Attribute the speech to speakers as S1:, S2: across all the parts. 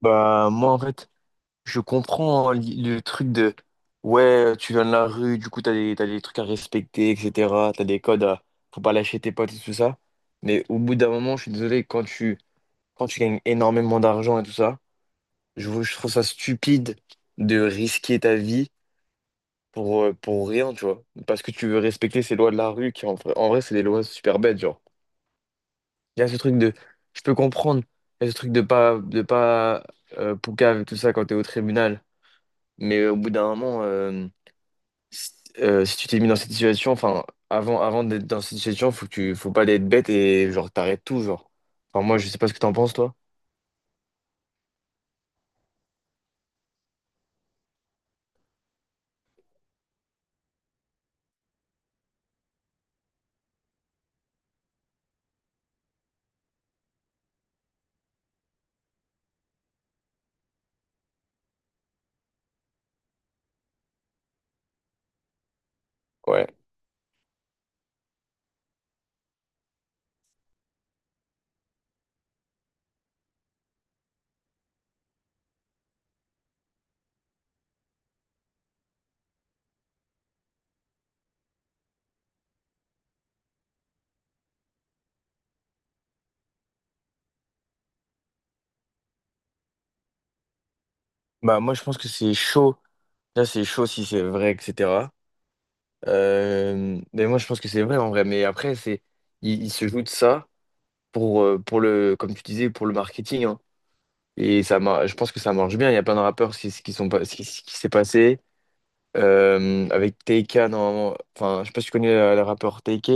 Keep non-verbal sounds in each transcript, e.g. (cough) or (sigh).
S1: Bah, moi, en fait, je comprends, hein, le truc de ouais, tu viens de la rue, du coup, t'as des trucs à respecter, etc. T'as des codes à. Faut pas lâcher tes potes et tout ça. Mais au bout d'un moment, je suis désolé, quand tu gagnes énormément d'argent et tout ça, je trouve ça stupide de risquer ta vie pour rien, tu vois. Parce que tu veux respecter ces lois de la rue qui, en vrai, c'est des lois super bêtes, genre. Il y a ce truc de. Je peux comprendre. Il y a ce truc de pas poucave et tout ça quand t'es au tribunal. Mais au bout d'un moment, si, si tu t'es mis dans cette situation, enfin, avant d'être dans cette situation, faut pas être bête et genre t'arrêtes tout, genre. Enfin, moi, je sais pas ce que t'en penses, toi. Ouais. Bah, moi, je pense que c'est chaud. Là, c'est chaud si c'est vrai, etc. Mais moi, je pense que c'est vrai en vrai. Mais après, il se joue de ça comme tu disais, pour le marketing, hein. Et ça, je pense que ça marche bien. Il y a plein de rappeurs, c'est ce qui sont pas, ce qui s'est passé. Avec Taika, normalement, enfin, je sais pas si tu connais, le rappeur Taika.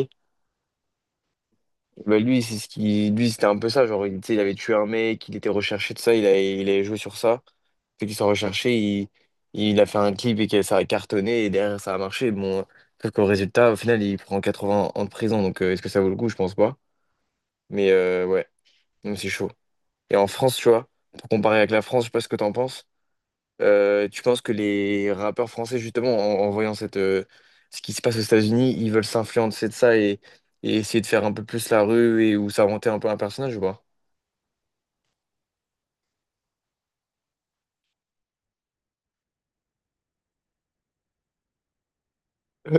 S1: Bah, lui, c'est ce qui, lui, c'était un peu ça. Genre, il, tu sais, il avait tué un mec, il était recherché de ça, il avait joué sur ça. Fait qu'il soit recherché, il a fait un clip et que ça a cartonné et derrière ça a marché. Bon, sauf qu'au résultat, au final, il prend 80 ans de prison. Donc, est-ce que ça vaut le coup? Je pense pas. Mais ouais, donc c'est chaud. Et en France, tu vois, pour comparer avec la France, je sais pas ce que t'en penses. Tu penses que les rappeurs français, justement, en voyant ce qui se passe aux États-Unis, ils veulent s'influencer de ça et essayer de faire un peu plus la rue et ou s'inventer un peu un personnage ou pas? Euh,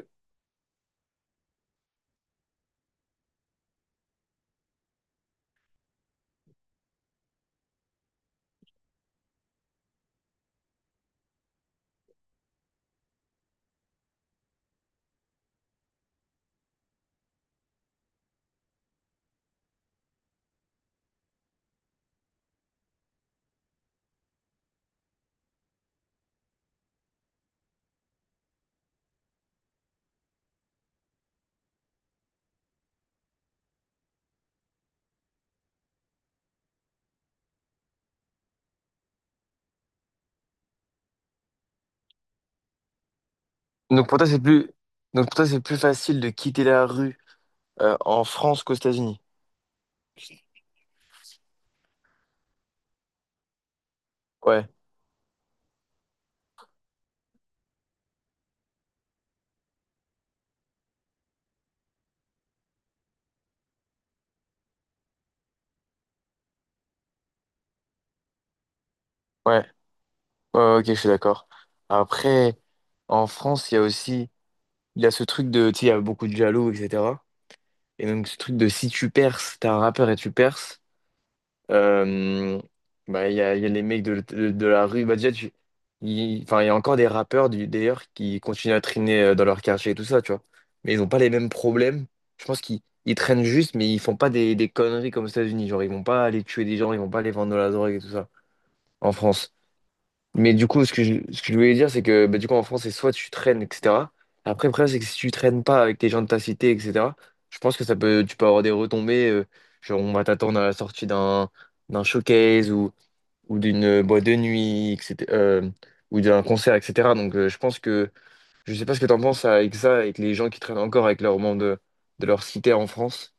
S1: Donc pour toi, c'est plus... Donc pour toi, c'est plus facile de quitter la rue en France qu'aux États-Unis. Ouais, ouais, ouais, ouais, ok, je suis d'accord. Après, en France, il y a aussi, il y a ce truc de, tu sais, il y a beaucoup de jaloux, etc. Et donc ce truc de si tu perces, t'es un rappeur et tu perces. Euh, bah, il y a les mecs de la rue. Bah, déjà, enfin, il y a encore des rappeurs d'ailleurs qui continuent à traîner, dans leur quartier et tout ça, tu vois. Mais ils n'ont pas les mêmes problèmes. Je pense qu'ils ils traînent juste, mais ils font pas des conneries comme aux États-Unis. Genre, ils vont pas aller tuer des gens, ils vont pas aller vendre de la drogue et tout ça en France. Mais du coup, ce que je voulais dire, c'est que bah, du coup, en France, c'est soit tu traînes, etc. Après, le problème, c'est que si tu traînes pas avec les gens de ta cité, etc., je pense que tu peux avoir des retombées. Genre, on va t'attendre à la sortie d'un showcase ou d'une boîte de nuit, etc., ou d'un concert, etc. Donc, je pense je sais pas ce que t'en penses avec ça, avec les gens qui traînent encore avec leurs membres de leur cité en France.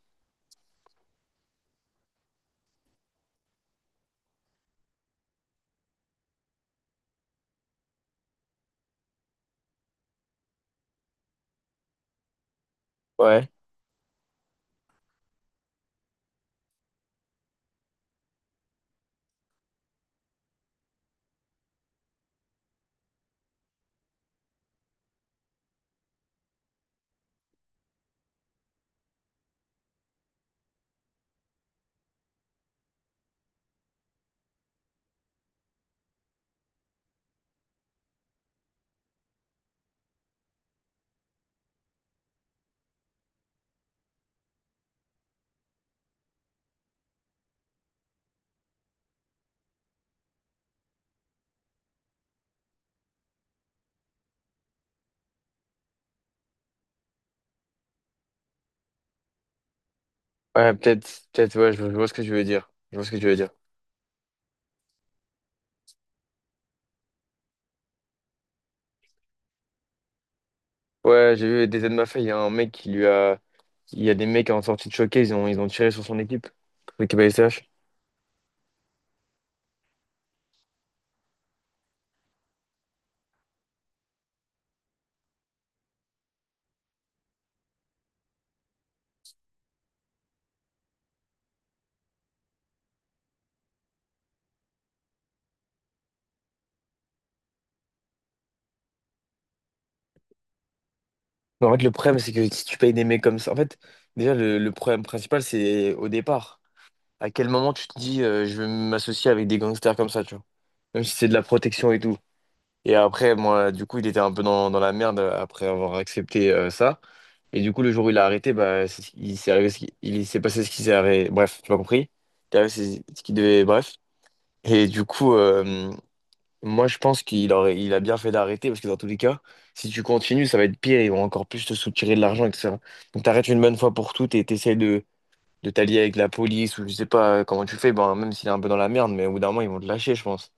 S1: Ouais, ouais, peut-être, peut-être, ouais, je vois ce que tu veux dire. Je vois ce que tu veux dire. Ouais, j'ai vu des aides de ma fille, il y a un mec qui lui a. Il y a des mecs en sortie de showcase, ils ont tiré sur son équipe, l'équipe ASH. Mais en fait, le problème, c'est que si tu payes des mecs comme ça, en fait, déjà, le problème principal, c'est au départ. À quel moment tu te dis, je vais m'associer avec des gangsters comme ça, tu vois? Même si c'est de la protection et tout. Et après, moi, du coup, il était un peu dans la merde après avoir accepté ça. Et du coup, le jour où il a arrêté, bah, il s'est passé ce qui s'est arrivé. Bref, tu m'as compris? Il s'est arrivé ce qui devait. Bref. Et du coup. euh, Moi, je pense il a bien fait d'arrêter parce que dans tous les cas, si tu continues, ça va être pire. Ils vont encore plus te soutirer de l'argent, etc. Donc, t'arrêtes une bonne fois pour toutes et t'essaies de t'allier avec la police ou je sais pas comment tu fais. Ben, même s'il est un peu dans la merde, mais au bout d'un moment, ils vont te lâcher, je pense.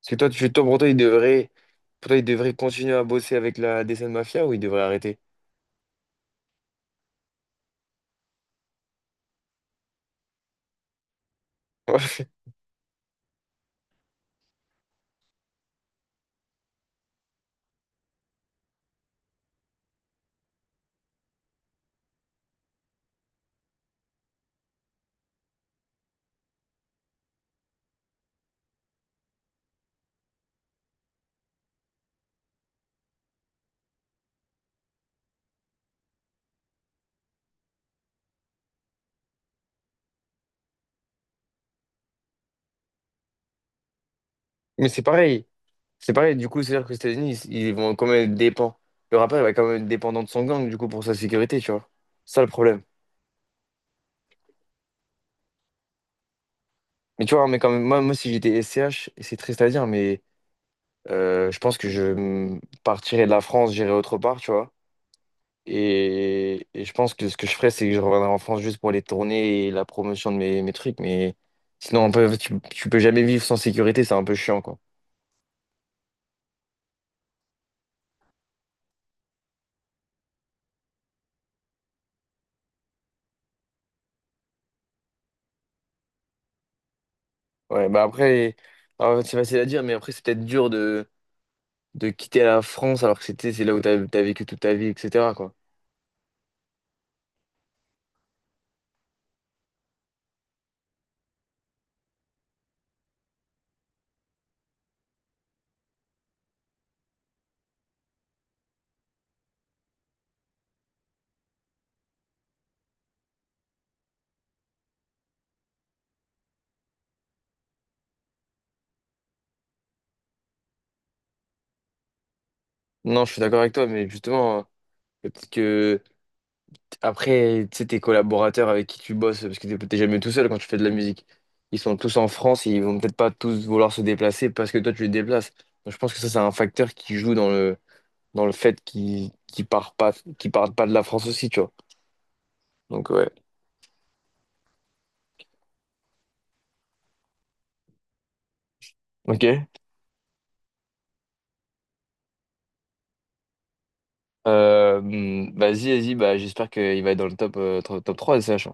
S1: Parce que toi, tu fais toi pour toi, pour toi, il devrait continuer à bosser avec la DCN Mafia ou il devrait arrêter. (laughs) Ouais. Mais c'est pareil. C'est pareil. Du coup, c'est-à-dire que les États-Unis, ils vont quand même être dépend. Le rappeur, il va quand même être dépendant de son gang, du coup, pour sa sécurité, tu vois. C'est ça le problème. Mais tu vois, mais quand même, moi, si j'étais SCH, et c'est triste à dire, mais je pense que je partirais de la France, j'irais autre part, tu vois. Et je pense que ce que je ferais, c'est que je reviendrais en France juste pour les tournées et la promotion de mes trucs. Mais sinon, tu peux jamais vivre sans sécurité, c'est un peu chiant, quoi. Ouais, bah après, alors, c'est facile à dire, mais après, c'est peut-être dur de quitter la France alors que c'est là où t'as vécu toute ta vie, etc., quoi. Non, je suis d'accord avec toi, mais justement, peut-être que. Après, tu sais, tes collaborateurs avec qui tu bosses, parce que t'es jamais tout seul quand tu fais de la musique. Ils sont tous en France et ils vont peut-être pas tous vouloir se déplacer parce que toi, tu les déplaces. Donc, je pense que ça, c'est un facteur qui joue dans le fait qu'ils partent pas de la France aussi, tu vois. Donc, ouais. Ok. Vas-y, vas-y, bah, j'espère qu'il va être dans le top, 3 de SH.